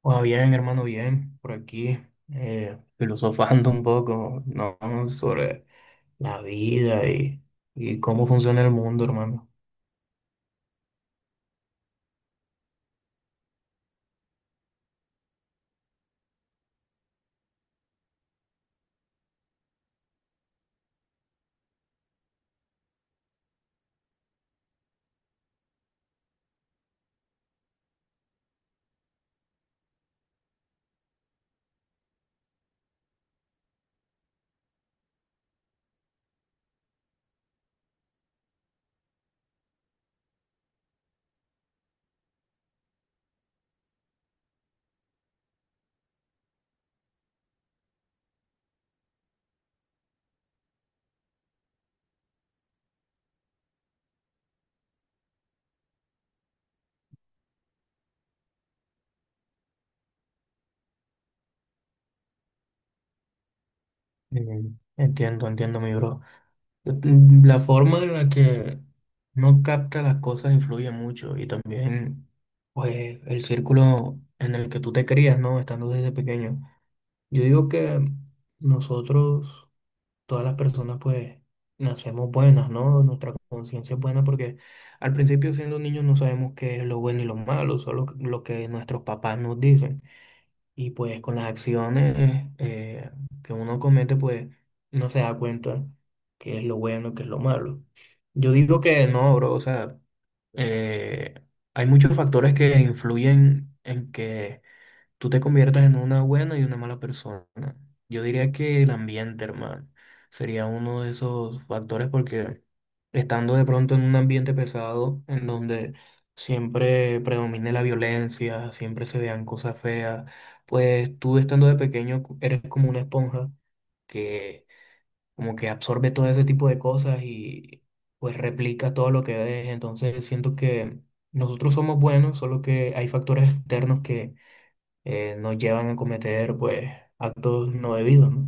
Pues bien, hermano, bien, por aquí, filosofando un poco, ¿no? Sobre la vida y cómo funciona el mundo, hermano. Mm. Entiendo, mi bro. Mm, la forma en la que no capta las cosas influye mucho y también, pues, el círculo en el que tú te crías, ¿no? Estando desde pequeño. Yo digo que nosotros todas las personas pues nacemos buenas, ¿no? Nuestra conciencia es buena porque al principio siendo niños no sabemos qué es lo bueno y lo malo, solo lo que nuestros papás nos dicen. Y pues con las acciones que uno comete pues no se da cuenta qué es lo bueno, qué es lo malo. Yo digo que no, bro, o sea, eh, hay muchos factores que influyen en que tú te conviertas en una buena y una mala persona. Yo diría que el ambiente, hermano, sería uno de esos factores porque estando de pronto en un ambiente pesado, en donde siempre predomine la violencia, siempre se vean cosas feas, pues tú estando de pequeño eres como una esponja que como que absorbe todo ese tipo de cosas y pues replica todo lo que ves. Entonces siento que nosotros somos buenos, solo que hay factores externos que nos llevan a cometer pues actos no debidos, ¿no?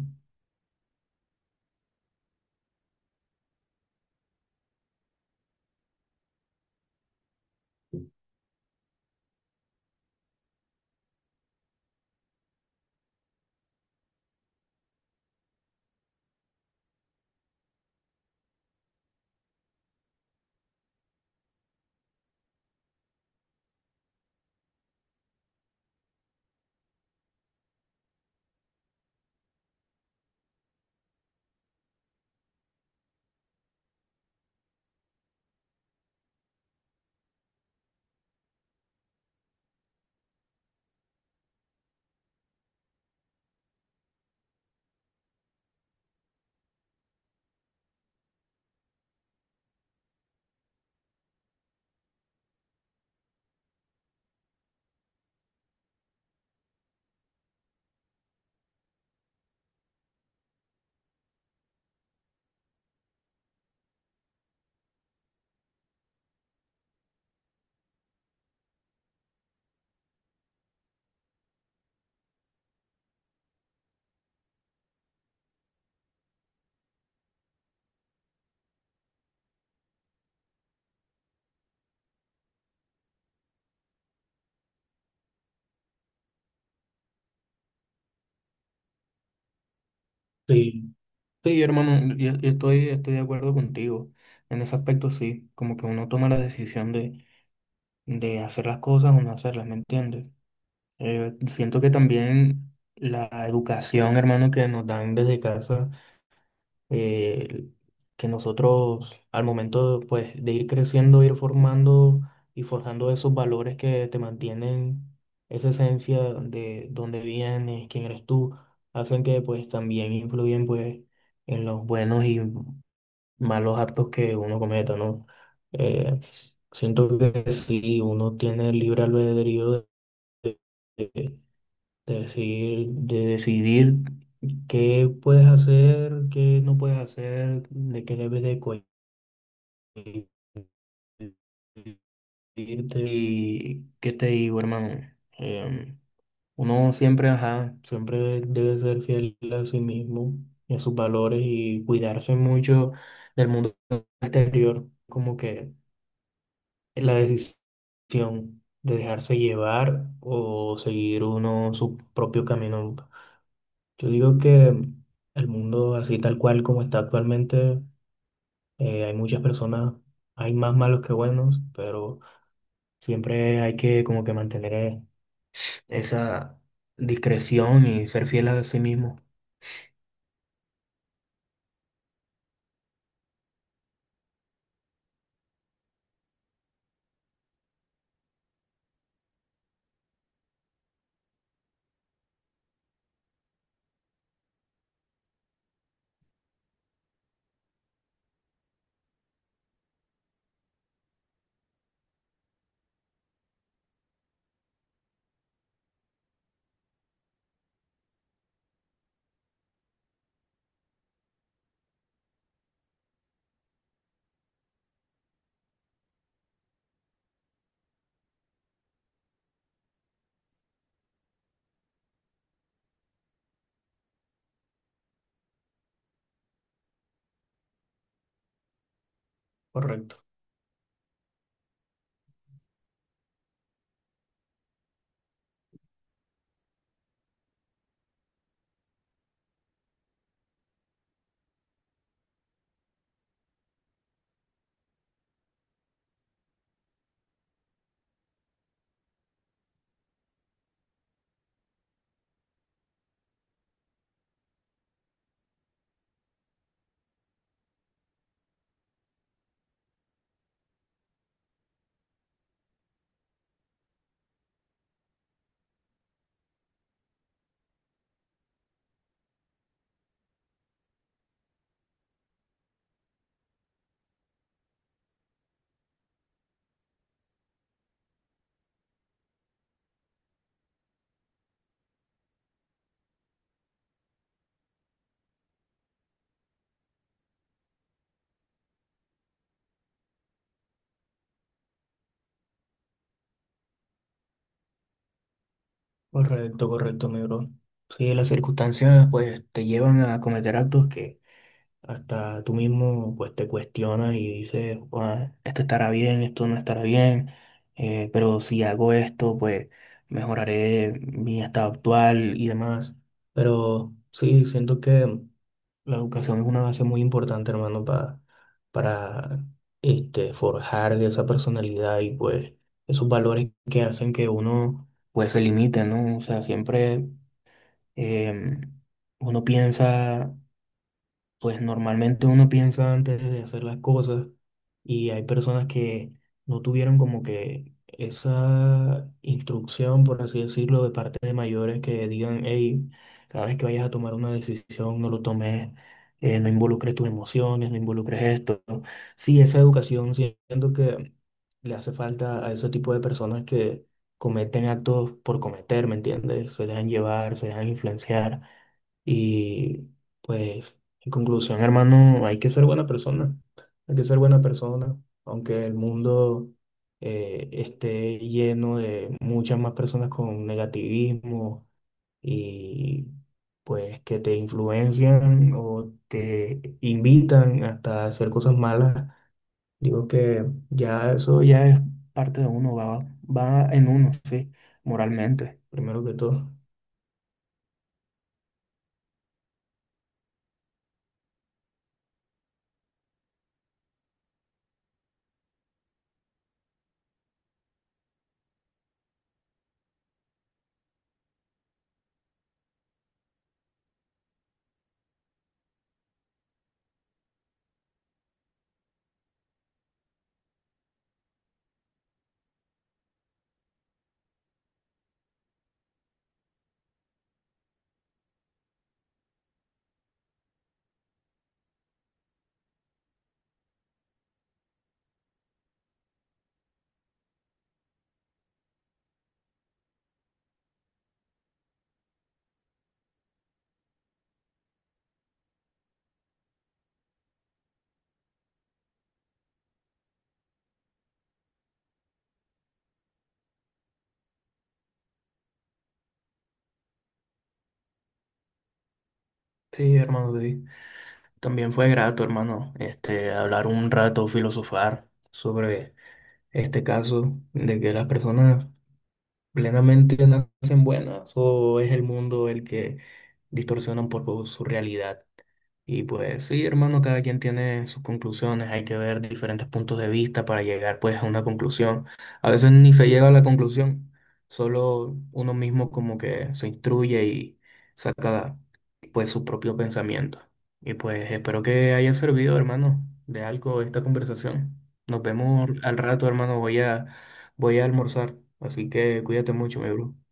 Sí, sí, hermano, yo estoy de acuerdo contigo. En ese aspecto sí, como que uno toma la decisión de hacer las cosas o no hacerlas, ¿me entiendes? Siento que también la educación, hermano, que nos dan desde casa. Eh, que nosotros al momento pues, de ir creciendo, ir formando y forjando esos valores que te mantienen esa esencia de dónde vienes, quién eres tú, hacen que pues también influyen pues en los buenos y malos actos que uno cometa, ¿no? Eh, Siento que si uno tiene libre albedrío de decir, de decidir qué puedes hacer, qué no puedes hacer, de qué debes de cohibirte. Y qué te digo, hermano. Em, Uno siempre, ajá, siempre debe ser fiel a sí mismo y a sus valores y cuidarse mucho del mundo exterior, como que la decisión de dejarse llevar o seguir uno su propio camino. Yo digo que el mundo así tal cual como está actualmente, hay muchas personas, hay más malos que buenos, pero siempre hay que como que mantener esa discreción y ser fiel a sí mismo. Correcto, correcto, correcto, mi bro. Sí, las circunstancias pues te llevan a cometer actos que hasta tú mismo pues te cuestionas y dices, "Buah, esto estará bien, esto no estará bien, pero si hago esto, pues mejoraré mi estado actual y demás." Pero sí, siento que la educación es una base muy importante, hermano, para este, forjar esa personalidad y pues esos valores que hacen que uno pues se limite, ¿no? O sea, siempre em, uno piensa pues normalmente uno piensa antes de hacer las cosas y hay personas que no tuvieron como que esa instrucción, por así decirlo, de parte de mayores que digan, hey, cada vez que vayas a tomar una decisión, no lo tomes, no involucres tus emociones, no involucres esto. Sí, esa educación siento que le hace falta a ese tipo de personas que cometen actos por cometer, ¿me entiendes? Se dejan llevar, se dejan influenciar y pues... En conclusión, hermano, hay que ser buena persona. Hay que ser buena persona. Aunque el mundo esté lleno de muchas más personas con negativismo y pues que te influencian o te invitan hasta hacer cosas malas. Digo que ya eso ya es parte de uno, va, va en uno, sí, moralmente, primero que todo. Sí, hermano, David. También fue grato, hermano, este, hablar un rato, filosofar sobre este caso de que las personas plenamente nacen buenas o es el mundo el que distorsiona un poco su realidad. Y pues sí, hermano, cada quien tiene sus conclusiones, hay que ver diferentes puntos de vista para llegar pues a una conclusión. A veces ni se llega a la conclusión, solo uno mismo como que se instruye y saca pues su propio pensamiento. Y pues espero que haya servido, hermano, de algo esta conversación. Nos vemos al rato, hermano, voy a almorzar, así que cuídate mucho, mi bro.